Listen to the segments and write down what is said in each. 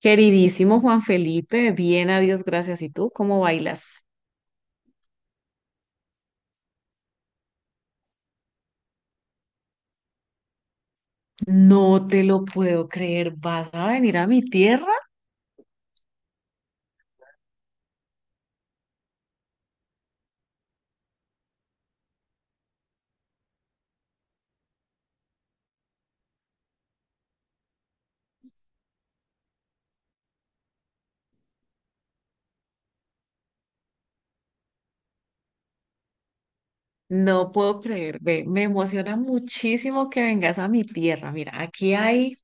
Queridísimo Juan Felipe, bien, a Dios gracias. ¿Y tú cómo bailas? No te lo puedo creer. ¿Vas a venir a mi tierra? No puedo creer. Ve, me emociona muchísimo que vengas a mi tierra. Mira, aquí hay.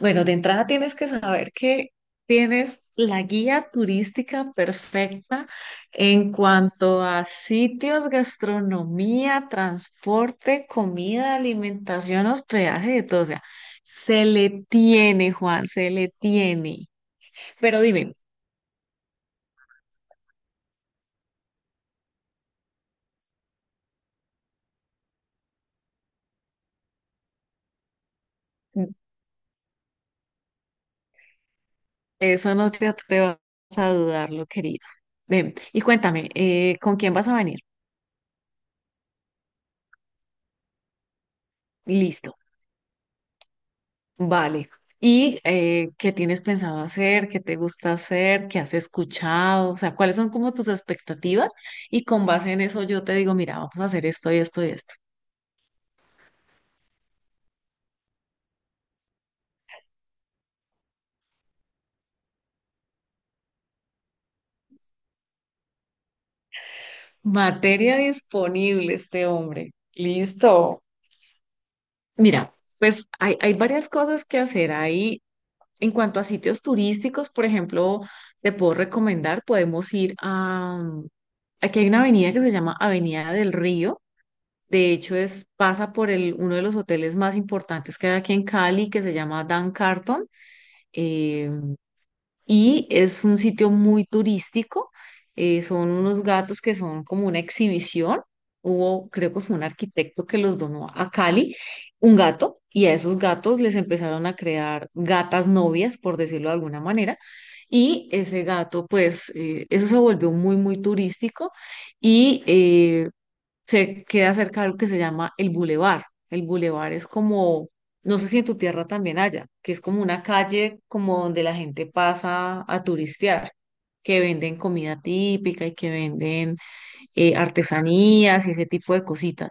Bueno, de entrada tienes que saber que tienes la guía turística perfecta en cuanto a sitios, gastronomía, transporte, comida, alimentación, hospedaje, de todo. O sea, se le tiene, Juan, se le tiene. Pero dime, eso no te atrevas a dudarlo, querido. Ven, y cuéntame, ¿con quién vas a venir? Listo. Vale. ¿Y qué tienes pensado hacer? ¿Qué te gusta hacer? ¿Qué has escuchado? O sea, ¿cuáles son como tus expectativas? Y con base en eso yo te digo, mira, vamos a hacer esto y esto y esto. Materia disponible, este hombre. Listo. Mira, pues hay varias cosas que hacer ahí. En cuanto a sitios turísticos, por ejemplo, te puedo recomendar, podemos ir a... aquí hay una avenida que se llama Avenida del Río. De hecho, es, pasa por el, uno de los hoteles más importantes que hay aquí en Cali, que se llama Dan Carton, eh, y es un sitio muy turístico. Son unos gatos que son como una exhibición. Hubo, creo que fue un arquitecto que los donó a Cali, un gato, y a esos gatos les empezaron a crear gatas novias, por decirlo de alguna manera. Y ese gato, pues, eso se volvió muy, muy turístico. Y eh, Se queda cerca de algo que se llama el bulevar. El bulevar es como, no sé si en tu tierra también haya, que es como una calle como donde la gente pasa a turistear, que venden comida típica y que venden artesanías y ese tipo de cositas.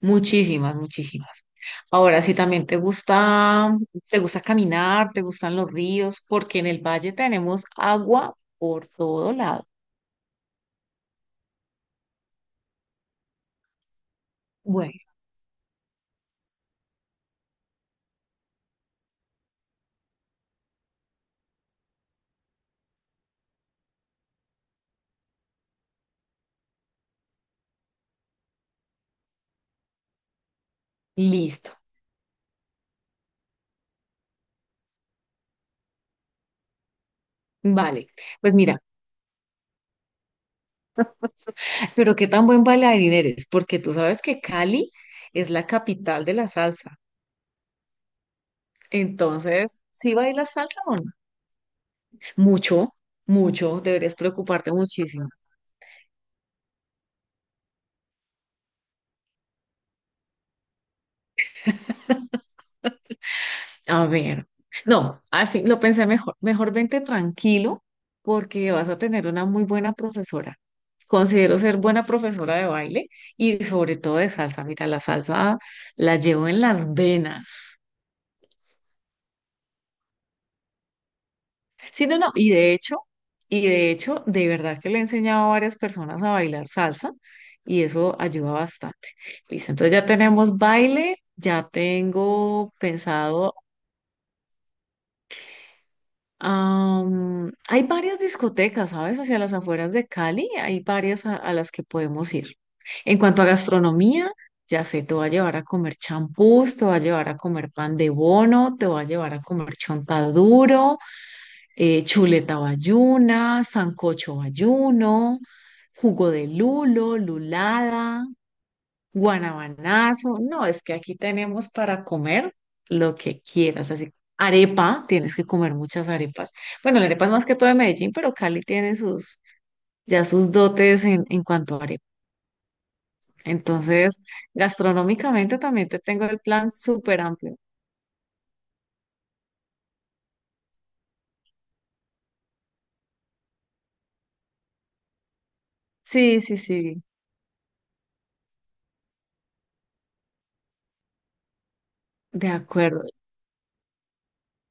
Muchísimas, muchísimas. Ahora, si también te gusta caminar, te gustan los ríos, porque en el valle tenemos agua por todo lado. Bueno, listo. Vale, pues mira. Pero qué tan buen bailarín eres, porque tú sabes que Cali es la capital de la salsa. Entonces, ¿sí bailas salsa o no? Mucho, mucho, deberías preocuparte muchísimo. A ver, no, al fin lo pensé mejor. Mejor vente tranquilo porque vas a tener una muy buena profesora. Considero ser buena profesora de baile y sobre todo de salsa. Mira, la salsa la llevo en las venas. Sí, no, no, y de hecho, de verdad que le he enseñado a varias personas a bailar salsa y eso ayuda bastante. Listo, entonces ya tenemos baile, ya tengo pensado, hay varias discotecas, ¿sabes? Hacia las afueras de Cali, hay varias a las que podemos ir. En cuanto a gastronomía, ya sé, te voy a llevar a comer champús, te voy a llevar a comer pan de bono, te voy a llevar a comer chontaduro, chuleta bayuna, sancocho bayuno, jugo de lulo, lulada, guanabanazo. No, es que aquí tenemos para comer lo que quieras. Así, arepa, tienes que comer muchas arepas. Bueno, la arepa es más que todo de Medellín, pero Cali tiene sus, ya sus dotes en cuanto a arepa. Entonces, gastronómicamente también te tengo el plan súper amplio. Sí, sí, sí, de acuerdo,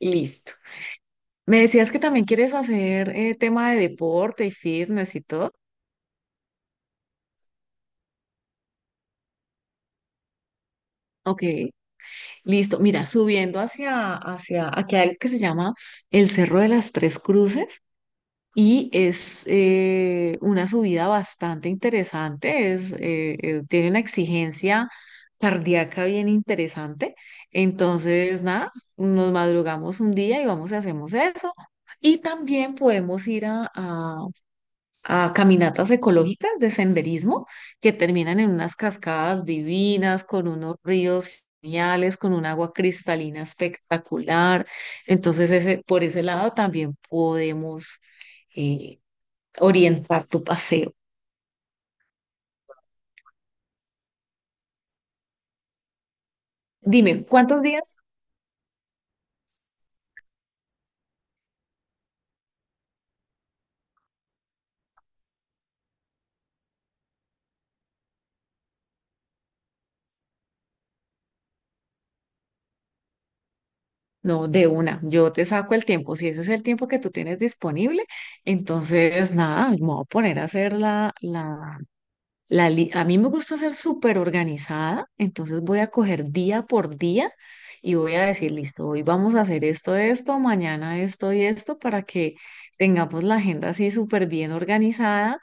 listo. Me decías que también quieres hacer tema de deporte y fitness y todo. Ok, listo. Mira, subiendo hacia aquí hay algo que se llama el Cerro de las Tres Cruces y es una subida bastante interesante. Es, tiene una exigencia cardíaca bien interesante. Entonces, nada, nos madrugamos un día y vamos y hacemos eso. Y también podemos ir a caminatas ecológicas de senderismo que terminan en unas cascadas divinas, con unos ríos geniales, con un agua cristalina espectacular. Entonces, ese, por ese lado también podemos eh, orientar tu paseo. Dime, ¿cuántos días? No, de una, yo te saco el tiempo. Si ese es el tiempo que tú tienes disponible, entonces nada, me voy a poner a hacer la li- a mí me gusta ser súper organizada, entonces voy a coger día por día y voy a decir, listo, hoy vamos a hacer esto, esto, mañana esto y esto para que tengamos la agenda así súper bien organizada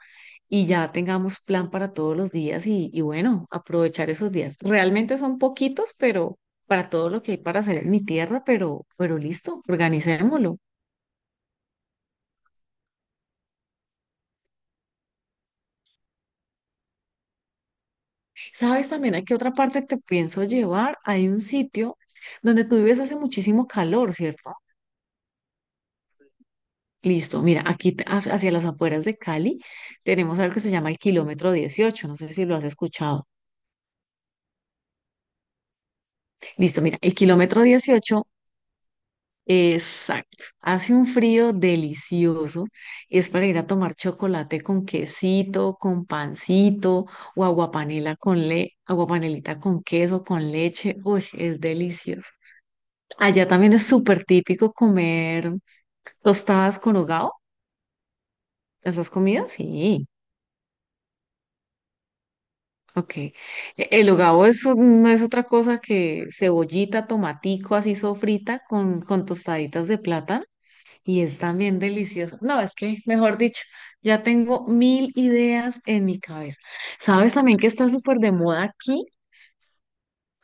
y ya tengamos plan para todos los días y bueno, aprovechar esos días. Realmente son poquitos, pero para todo lo que hay para hacer en mi tierra, pero listo, organicémoslo. ¿Sabes también a qué otra parte te pienso llevar? Hay un sitio donde tú vives hace muchísimo calor, ¿cierto? Listo, mira, aquí te- ha- hacia las afueras de Cali tenemos algo que se llama el kilómetro 18. No sé si lo has escuchado. Listo, mira, el kilómetro 18. Exacto, hace un frío delicioso y es para ir a tomar chocolate con quesito, con pancito o aguapanela con le, aguapanelita con queso, con leche, uy, es delicioso. Allá también es súper típico comer tostadas con hogao, ¿las has comido? Sí. Ok. E- el hogao es un- no es otra cosa que cebollita, tomatico así sofrita con tostaditas de plátano y es también delicioso. No, es que, mejor dicho, ya tengo 1000 ideas en mi cabeza. ¿Sabes también que está súper de moda aquí?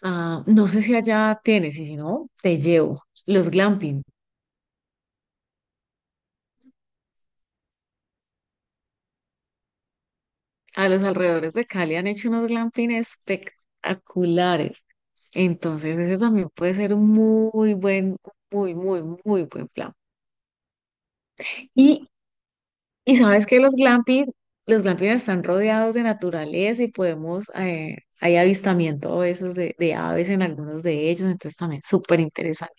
Ah, no sé si allá tienes y si no, te llevo. Los glamping. A los alrededores de Cali han hecho unos glamping espectaculares. Entonces, ese también puede ser un muy buen, muy, muy, muy buen plan. Y Y sabes que los glamping están rodeados de naturaleza y podemos, hay avistamiento a veces de aves en algunos de ellos, entonces también súper interesante.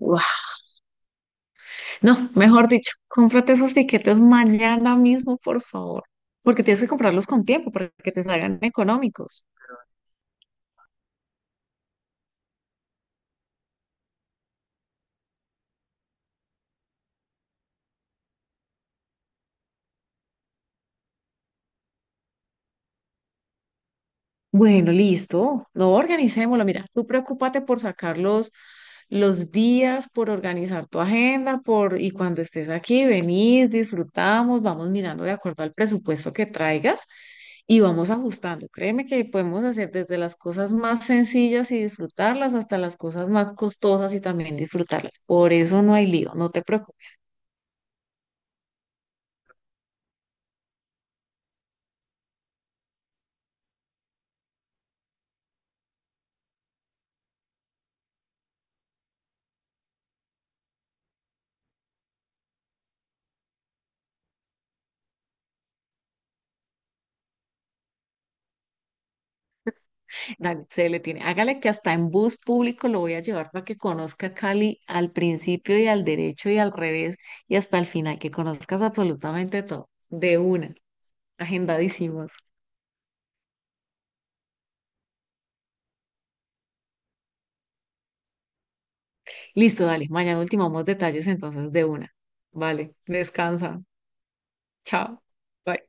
¡Guau! No, mejor dicho, cómprate esos tiquetes mañana mismo, por favor, porque tienes que comprarlos con tiempo para que te salgan económicos. Bueno, listo. No, organicémoslo. Mira, tú preocúpate por sacar los días, por organizar tu agenda, por, y cuando estés aquí, venís, disfrutamos, vamos mirando de acuerdo al presupuesto que traigas y vamos ajustando. Créeme que podemos hacer desde las cosas más sencillas y disfrutarlas hasta las cosas más costosas y también disfrutarlas. Por eso no hay lío, no te preocupes. Dale, se le tiene. Hágale que hasta en bus público lo voy a llevar para que conozca Cali al principio y al derecho y al revés y hasta el final, que conozcas absolutamente todo. De una, agendadísimos. Listo, dale. Mañana ultimamos detalles entonces de una. Vale, descansa. Chao. Bye.